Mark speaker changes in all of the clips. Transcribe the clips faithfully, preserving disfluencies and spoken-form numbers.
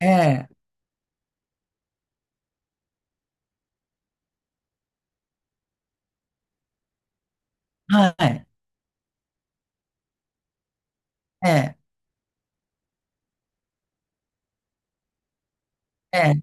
Speaker 1: ええ、はい、ええ、ええ、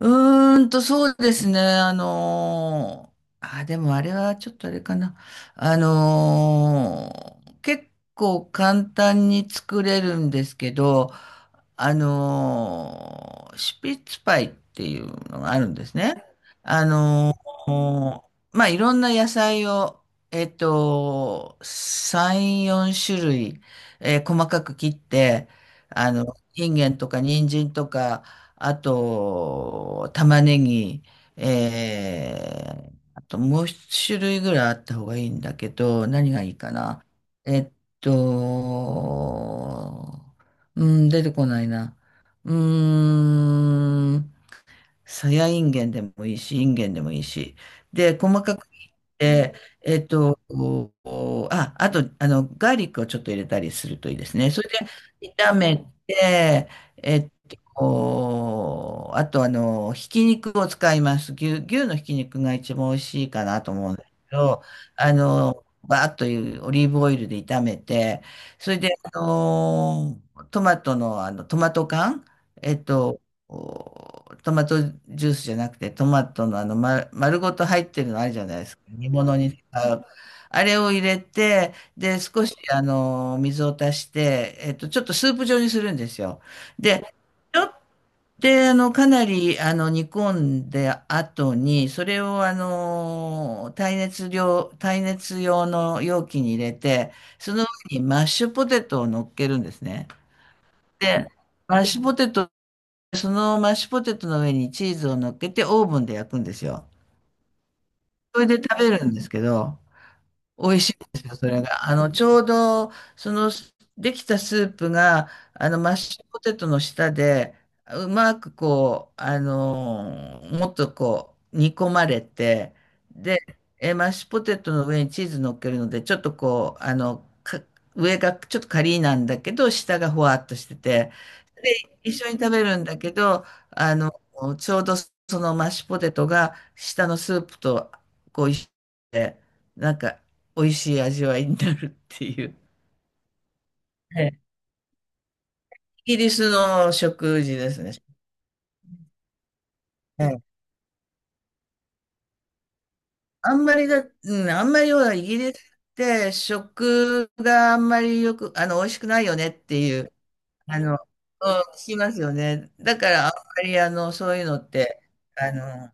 Speaker 1: うーんと、そうですね。あのーあ、でもあれはちょっとあれかな。あのー結構簡単に作れるんですけど、あのーシュピッツパイっていうのがあるんですね。あのーまあ、いろんな野菜を、えっと、さん、よん種類、えー細かく切って、あの、インゲンとか人参とか、あと、玉ねぎ、えー、あともう一種類ぐらいあった方がいいんだけど、何がいいかな。えっと、うん、出てこないな。うーん、さやいんげんでもいいし、いんげんでもいいし。で、細かく切って、えっと、こうあ、あと、あの、ガーリックをちょっと入れたりするといいですね。それで、炒めて、えっと、こうあと、あの、ひき肉を使います。牛、牛のひき肉が一番美味しいかなと思うんですけど、あの、バーッというオリーブオイルで炒めて、それで、あの、トマトの、あの、トマト缶、えっと、こうトマトジュースじゃなくて、トマトのあの、ま、丸ごと入ってるのあるじゃないですか。煮物に使う。あれを入れて、で、少しあの、水を足して、えっと、ちょっとスープ状にするんですよ。で、ちょっとあの、かなりあの、煮込んで後に、それをあの、耐熱量、耐熱用の容器に入れて、その上にマッシュポテトを乗っけるんですね。で、マッシュポテトそのマッシュポテトの上にチーズを乗っけてオーブンで焼くんですよ。それで食べるんですけど、美味しいんですよ、それが。あの、ちょうど、その、できたスープが、あの、マッシュポテトの下で、うまくこう、あの、もっとこう、煮込まれて、で、え、マッシュポテトの上にチーズ乗っけるので、ちょっとこう、あの、か、上がちょっとカリーなんだけど、下がほわっとしてて、で、一緒に食べるんだけど、あの、ちょうどそのマッシュポテトが、下のスープと、こう、一緒で、なんか、美味しい味わいになるっていう。ええ、イギリスの食事ですね。ええ、あんまりだ、うん、あんまりほら、イギリスって食があんまりよく、あの、美味しくないよねっていう、あの、うん、聞きますよね。だから、あんまり、あの、そういうのって、あの、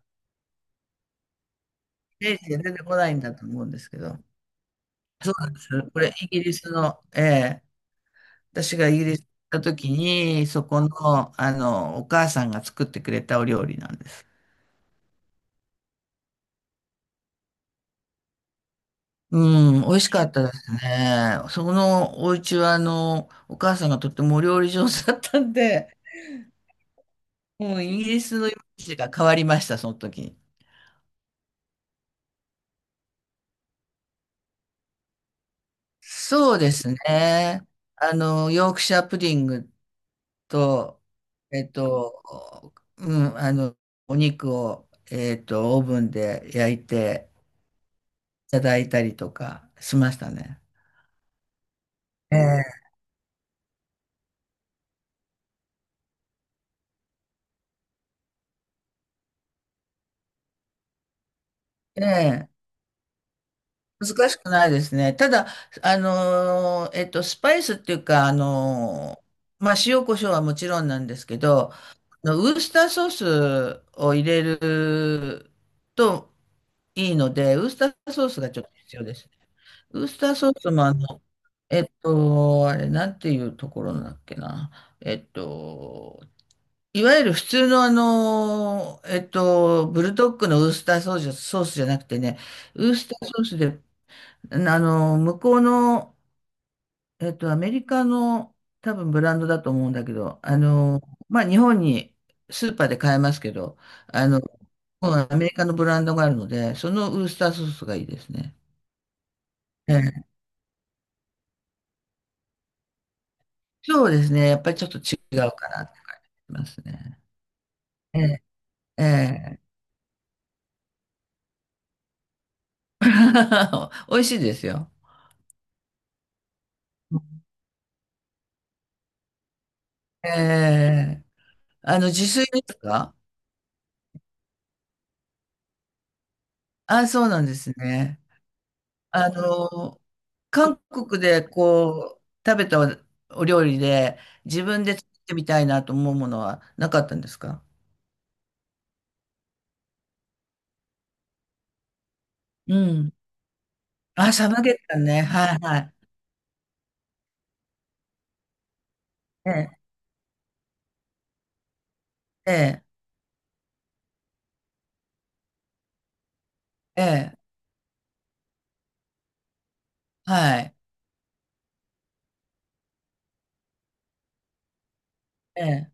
Speaker 1: イメージが出てこないんだと思うんですけど。そうなんです。これ、イギリスの、ええ、私がイギリスに行った時に、そこの、あの、お母さんが作ってくれたお料理なんです。うん、美味しかったですね。そこのお家は、あの、お母さんがとってもお料理上手だったんで、もうイギリスのイメージが変わりました、その時に。そうですね。あの、ヨークシャープディングと、えっと、うん、あの、お肉を、えっと、オーブンで焼いていただいたりとかしましたね。ええ。ええ、難しくないですね。ただ、あのー、えっと、スパイスっていうか、あのー、まあ、塩コショウはもちろんなんですけど、あのウースターソースを入れるといいので、ウースターソースがちょっと必要ですね。ウースターソースもあの、えっと、あれ、なんていうところなんだっけな。えっと、いわゆる普通のあの、えっと、ブルドッグのウースターソースソースじゃなくてね、ウースターソースであの、向こうの、えっと、アメリカの多分ブランドだと思うんだけど、あの、まあ、日本にスーパーで買えますけど、あの、アメリカのブランドがあるので、そのウースターソースがいいですね。ええ、そうですね。やっぱりちょっと違うかなって感じますね。ええ、ええ。美味しいですよ。ええ。あの、自炊ですか？あ、そうなんですね。あの、韓国でこう、食べたお料理で自分で作ってみたいなと思うものはなかったんですか？うん。あ、サムゲタンね。はいはい。ええ、ええ、ええ、はい。ええ。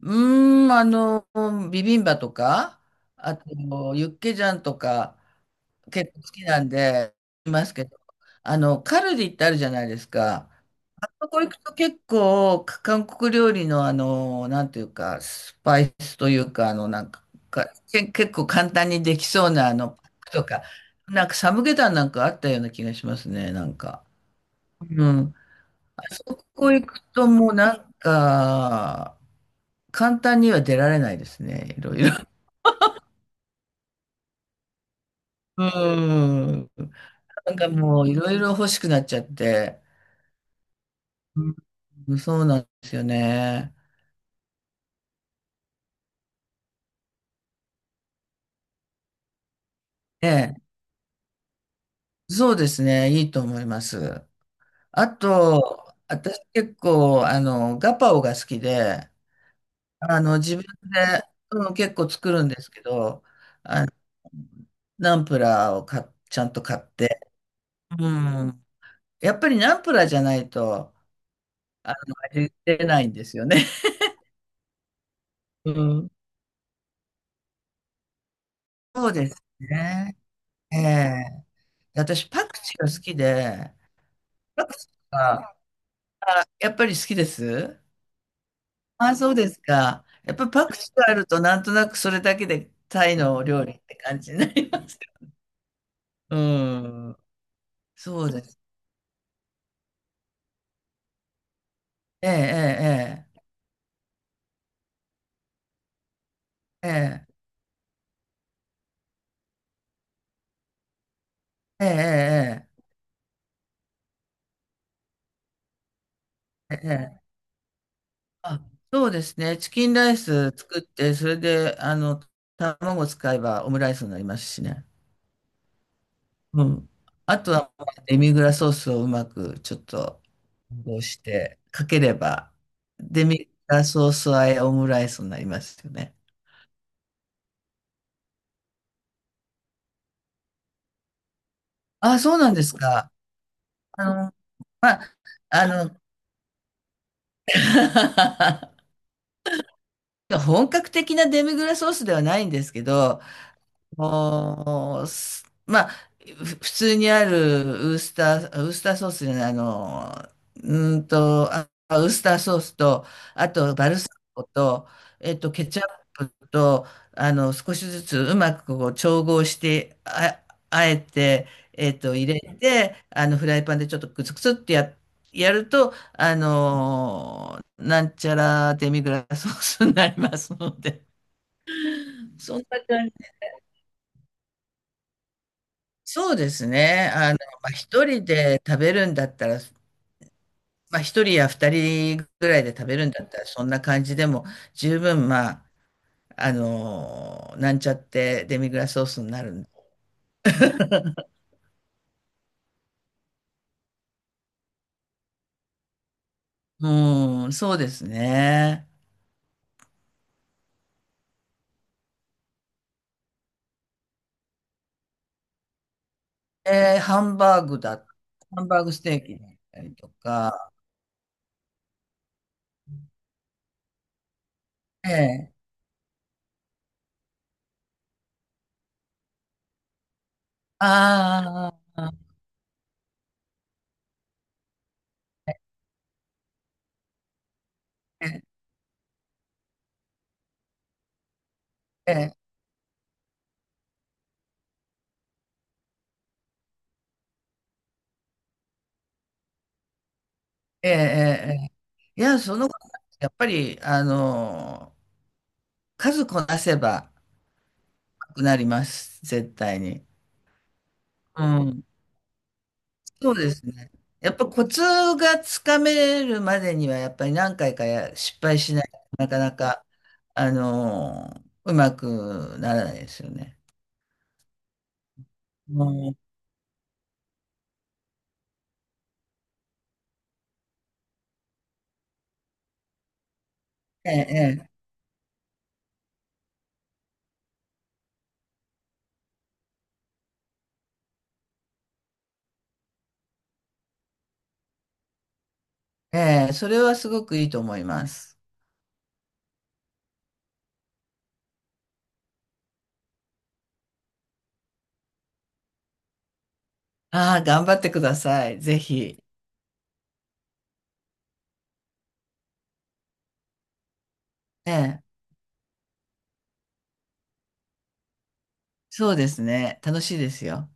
Speaker 1: うーん、あの、ビビンバとか、あと、ユッケジャンとか、結構好きなんで、いますけど、あの、カルディってあるじゃないですか。そこ行くと結構、韓国料理のあの、なんていうか、スパイスというか、あの、なんか、かけ結構簡単にできそうな、あの、パックとか、なんかサムゲタンなんかあったような気がしますね、なんか。うん。あそこ行くともうなんか、簡単には出られないですね、いろいろ。うん。なんかもういろいろ欲しくなっちゃって。うん、そうなんですよね。ええ、そうですね、いいと思います。あと、私結構、あの、ガパオが好きで、あの、自分で、うん、結構作るんですけど、あの、ナンプラーをか、ちゃんと買って、うん。やっぱりナンプラーじゃないと、あの、味出ないんですよね。うん。そうですね。ええ、私、パクチーが好きで、パクチーが、あ、やっぱり好きです。ああ、そうですか。やっぱパクチーがあるとなんとなくそれだけでタイのお料理って感じになりますよ。うん。そうです。ええ、ええ、ええ、ええ、ええ、ええ。ええ、あ、そうですね。チキンライス作って、それで、あの、卵使えばオムライスになりますしね。うん。あとは、デミグラソースをうまくちょっと、こうして、かければ、デミグラソース和えオムライスになりますよね。あ、そうなんですか。あの、まあ、あの、本格的なデミグラスソースではないんですけど、もう、すまあ、ふ普通にあるウースター、ウースターソースじゃない、あの、うーんと、あ、ウースターソースと、あとバルサミコと、えっと、ケチャップと、あの、少しずつうまくこう調合して、あ、あえて、えっと、入れて、あの、フライパンでちょっとクツクツってや、やると、あの、なんちゃらデミグラスソースになりますので。そんな感そうですね。あの、まあ、一人で食べるんだったら、まあ、一人や二人ぐらいで食べるんだったら、そんな感じでも十分、まあ、あの、なんちゃってデミグラスソースになるんで。うん、そうですね。えーハンバーグだ、ハンバーグステーキだったりとか、ええ、ああ、ええ、ええ、ええ、ええ、いや、その、やっぱり、あの、数こなせば、なります、絶対に。うん。そうですね。やっぱコツがつかめるまでには、やっぱり何回かや失敗しないとなかなか、あのーうまくならないですよね。うん、ええ、ええ、ええ、それはすごくいいと思います。ああ、頑張ってください。ぜひ。ええ、そうですね。楽しいですよ。